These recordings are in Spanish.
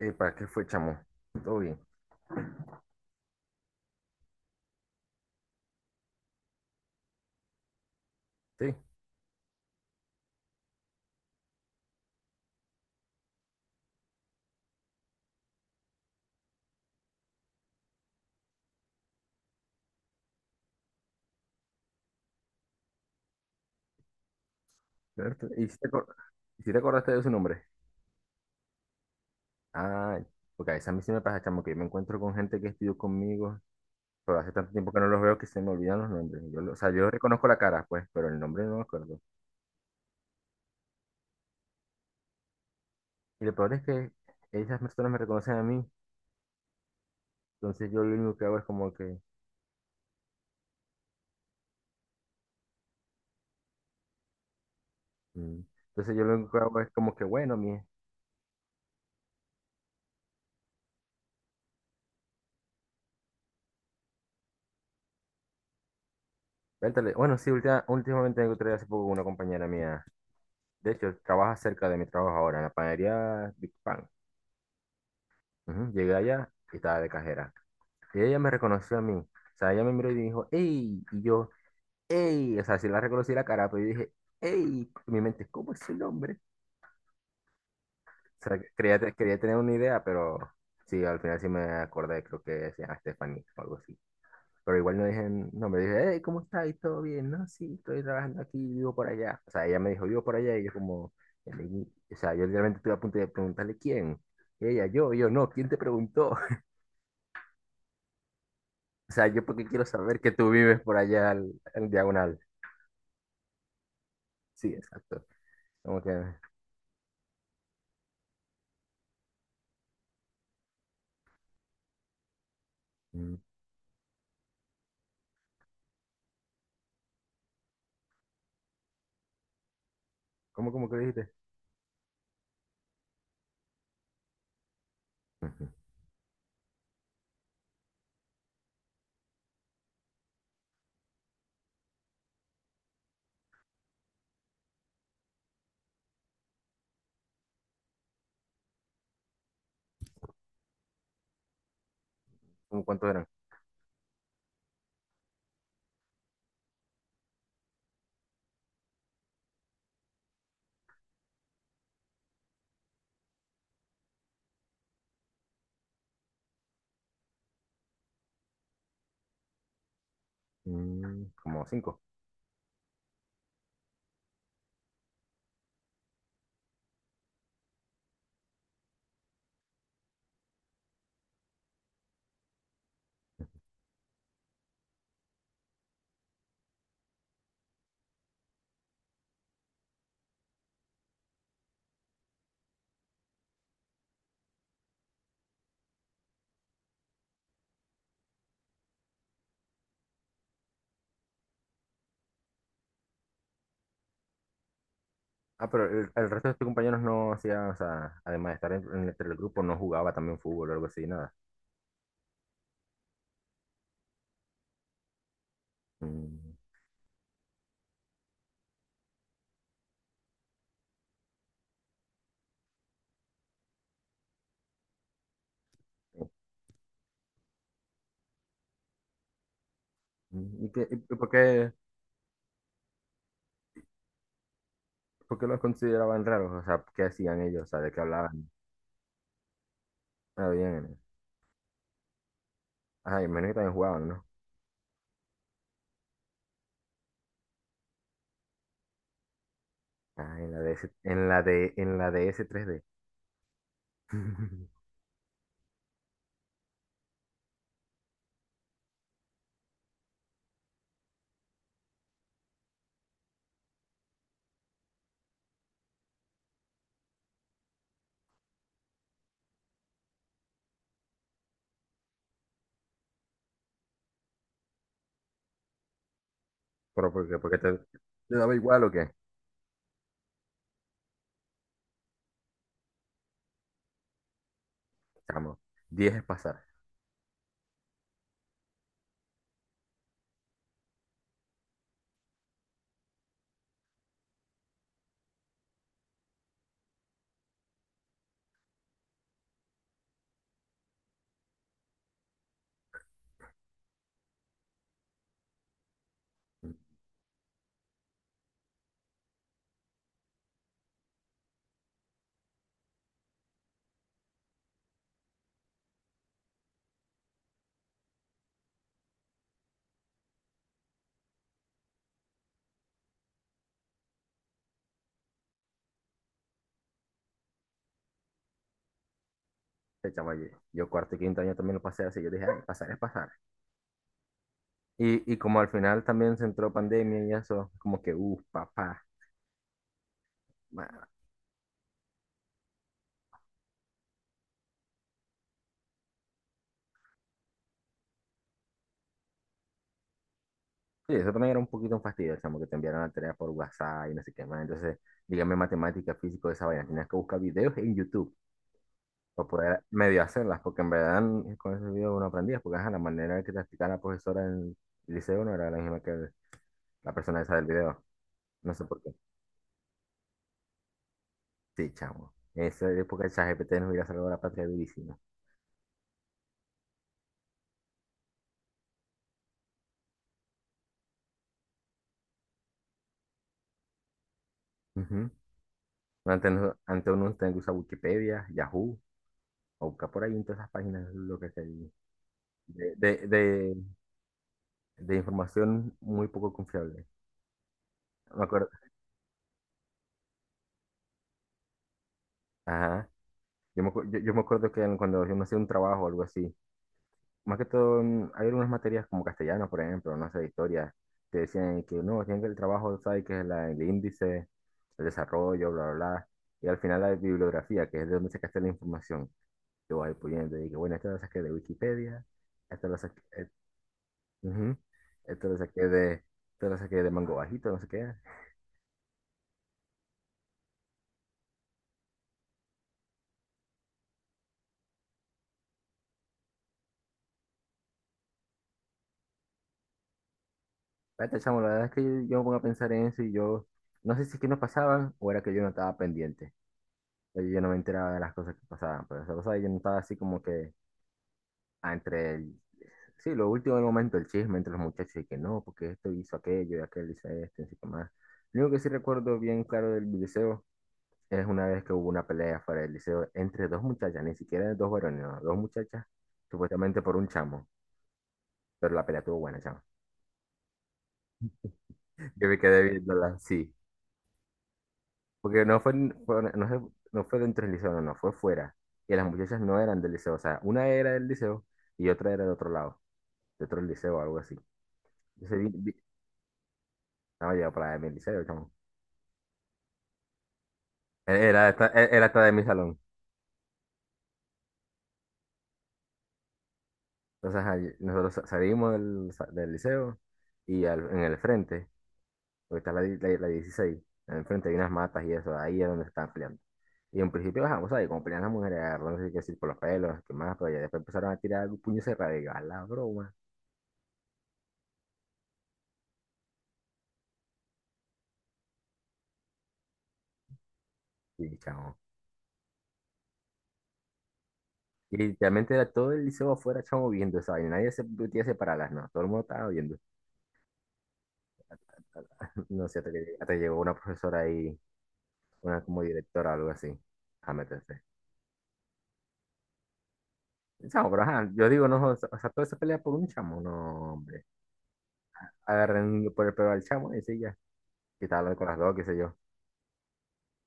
¿Para qué fue, chamo? Todo bien. Sí. Roberto, ¿Y si te acordaste de su nombre? Ah, porque a veces a mí sí me pasa, chamo, que yo me encuentro con gente que estudió conmigo, pero hace tanto tiempo que no los veo que se me olvidan los nombres. O sea, yo reconozco la cara, pues, pero el nombre no me acuerdo. Y lo peor es que esas personas me reconocen a mí, entonces yo lo único que hago es como que. Mm. Entonces yo lo único que hago es como que, bueno, mi. Vértale. Bueno, sí, últimamente me encontré hace poco con una compañera mía. De hecho, trabaja cerca de mi trabajo ahora, en la panadería Big Pan. Ujú. Llegué allá y estaba de cajera. Y ella me reconoció a mí. O sea, ella me miró y dijo, ¡Ey! Y yo, ¡Ey! O sea, sí la reconocí la cara, pero yo dije, ¡Ey! En mi mente, ¿cómo es el nombre? O sea, quería tener una idea, pero sí, al final sí me acordé, creo que se Stephanie o algo así. Pero igual no dije el nombre, dije, ¡Hey! ¿Cómo estás? ¿Y todo bien? No, sí, estoy trabajando aquí, vivo por allá. O sea, ella me dijo, vivo por allá, y yo como, o sea, yo literalmente estuve a punto de preguntarle quién. Y ella, yo, y yo, no, ¿quién te preguntó? O sea, yo porque quiero saber que tú vives por allá al diagonal. Sí, exacto. Como que. mm, ¿cómo que dijiste? Ujú. ¿Cómo cuántos eran? Mm. Como cinco. Ah, pero el resto de tus compañeros no hacían, o sea, además de estar en el grupo, no jugaba también fútbol o algo así, nada. Mm, mm. Y por qué los consideraban raros? O sea, ¿qué hacían ellos? O sea, ¿de qué hablaban? Ah, bien. Ah, y menos que también jugaban, ¿no? Ah, en la DS 3D. Pero porque te daba igual o qué, chamo. 10 es pasar. Este chamo, yo cuarto y quinto año también lo pasé así. Yo dije, "Ay, pasar es pasar." Y como al final también se entró pandemia y eso, como que, papá. Bueno. Sí, eso también era un poquito un fastidio, chamo, que te enviaron la tarea por WhatsApp y no sé qué más. Entonces, dígame matemática, físico, esa vaina. Tenías que buscar videos en YouTube para poder medio hacerlas, porque en verdad con esos videos uno aprendía, porque ajá, la manera que te explicaba la profesora en el liceo no era la misma que la persona esa del video. No sé por. Sí, chamo. Esa época de ChatGPT nos hubiera salvado la patria durísima. Ujú. Antes, no- Antes uno tenía que usar Wikipedia, Yahoo, o buscar por ahí en todas esas páginas lo que sea de, de, de información muy poco confiable. Me acuerdo, ajá. Yo me acuerdo que cuando yo no hacía un trabajo o algo así, más que todo, hay algunas materias como castellano, por ejemplo, no sé, historia, que decían que no, tienen que el trabajo, ¿sabes? Que es el índice, el desarrollo, bla, bla, bla. Y al final la bibliografía, que es de donde se sacaste la información. Yo voy poniendo, y que bueno, esto lo saqué de Wikipedia, esto lo saqué, ujú, esto lo saqué de, esto lo saqué de Mango Bajito, no sé qué. Espérate, chamo, la verdad es que yo me pongo a pensar en eso y yo, no sé si es que no pasaban o era que yo no estaba pendiente. Pero yo no me enteraba de las cosas que pasaban, pero esa cosa yo no estaba así como que entre el, sí, lo último del momento, el chisme entre los muchachos y que no, porque esto hizo aquello y aquel hizo esto, y así que más. Lo único que sí recuerdo bien claro del video es una vez que hubo una pelea fuera del liceo entre dos muchachas, ni siquiera dos varones, no, dos muchachas, supuestamente por un chamo, pero la pelea estuvo buena, chamo. Yo me quedé viéndola, sí, porque fue- no, sé- no fue dentro del liceo, no, no, fue fuera. Y las muchachas no eran del liceo, o sea, una era del liceo y otra era de otro lado, de otro liceo o algo así. Entonces, estaba yo para mi liceo, chamo. Era hasta de mi salón. Entonces, ahí nosotros salimos del liceo y en el frente. Porque está la 16. Enfrente hay unas matas y eso. Ahí es donde se están peleando. Y en principio, ajá, vos sabés, como pelean las mujeres, agarrándose que decir por los pelos, que más, pero ya después empezaron a tirar puño cerrado. Y yo, a la broma. Y chamo. Y literalmente era todo el liceo afuera, chamo, viendo esa vaina. Nadie se metía a separarlas, no. Todo el mundo estaba viendo. No sé, hasta llegó una profesora ahí, una como directora o algo así, a meterse. Chamo, pero ajá, yo digo, no, o sea, toda esa pelea por un chamo, no, hombre. Agarren por el pelo al chamo y sí, ya. Que estaba hablando con las dos, qué sé yo.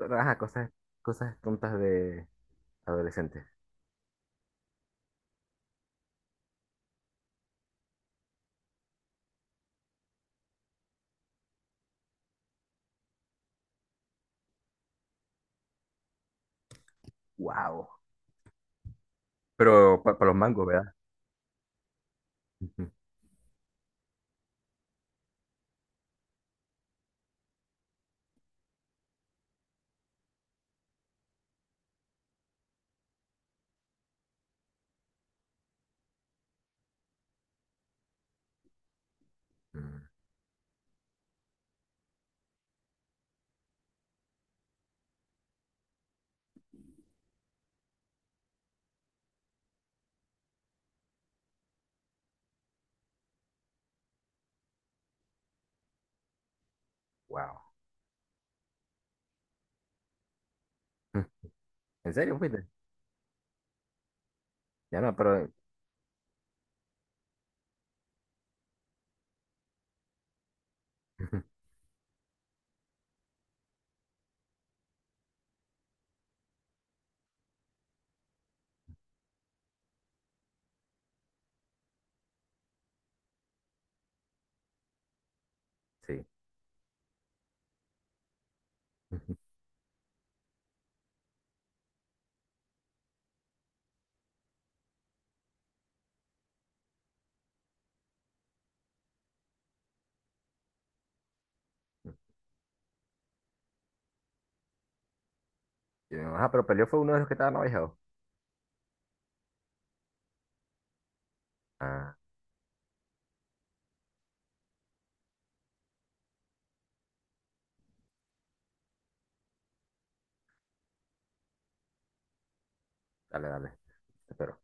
Ajá, cosas tontas de adolescentes. Wow. Pero para los mangos, ¿verdad? Ujú. Mm, wow. Mm, ¿en serio, fuiste? Ya no, pero. Ujú, sí. Ujú. Y me dijo, ah, pero peleó fue uno de los que estaban abajo. Ah, dale, dale. Te espero.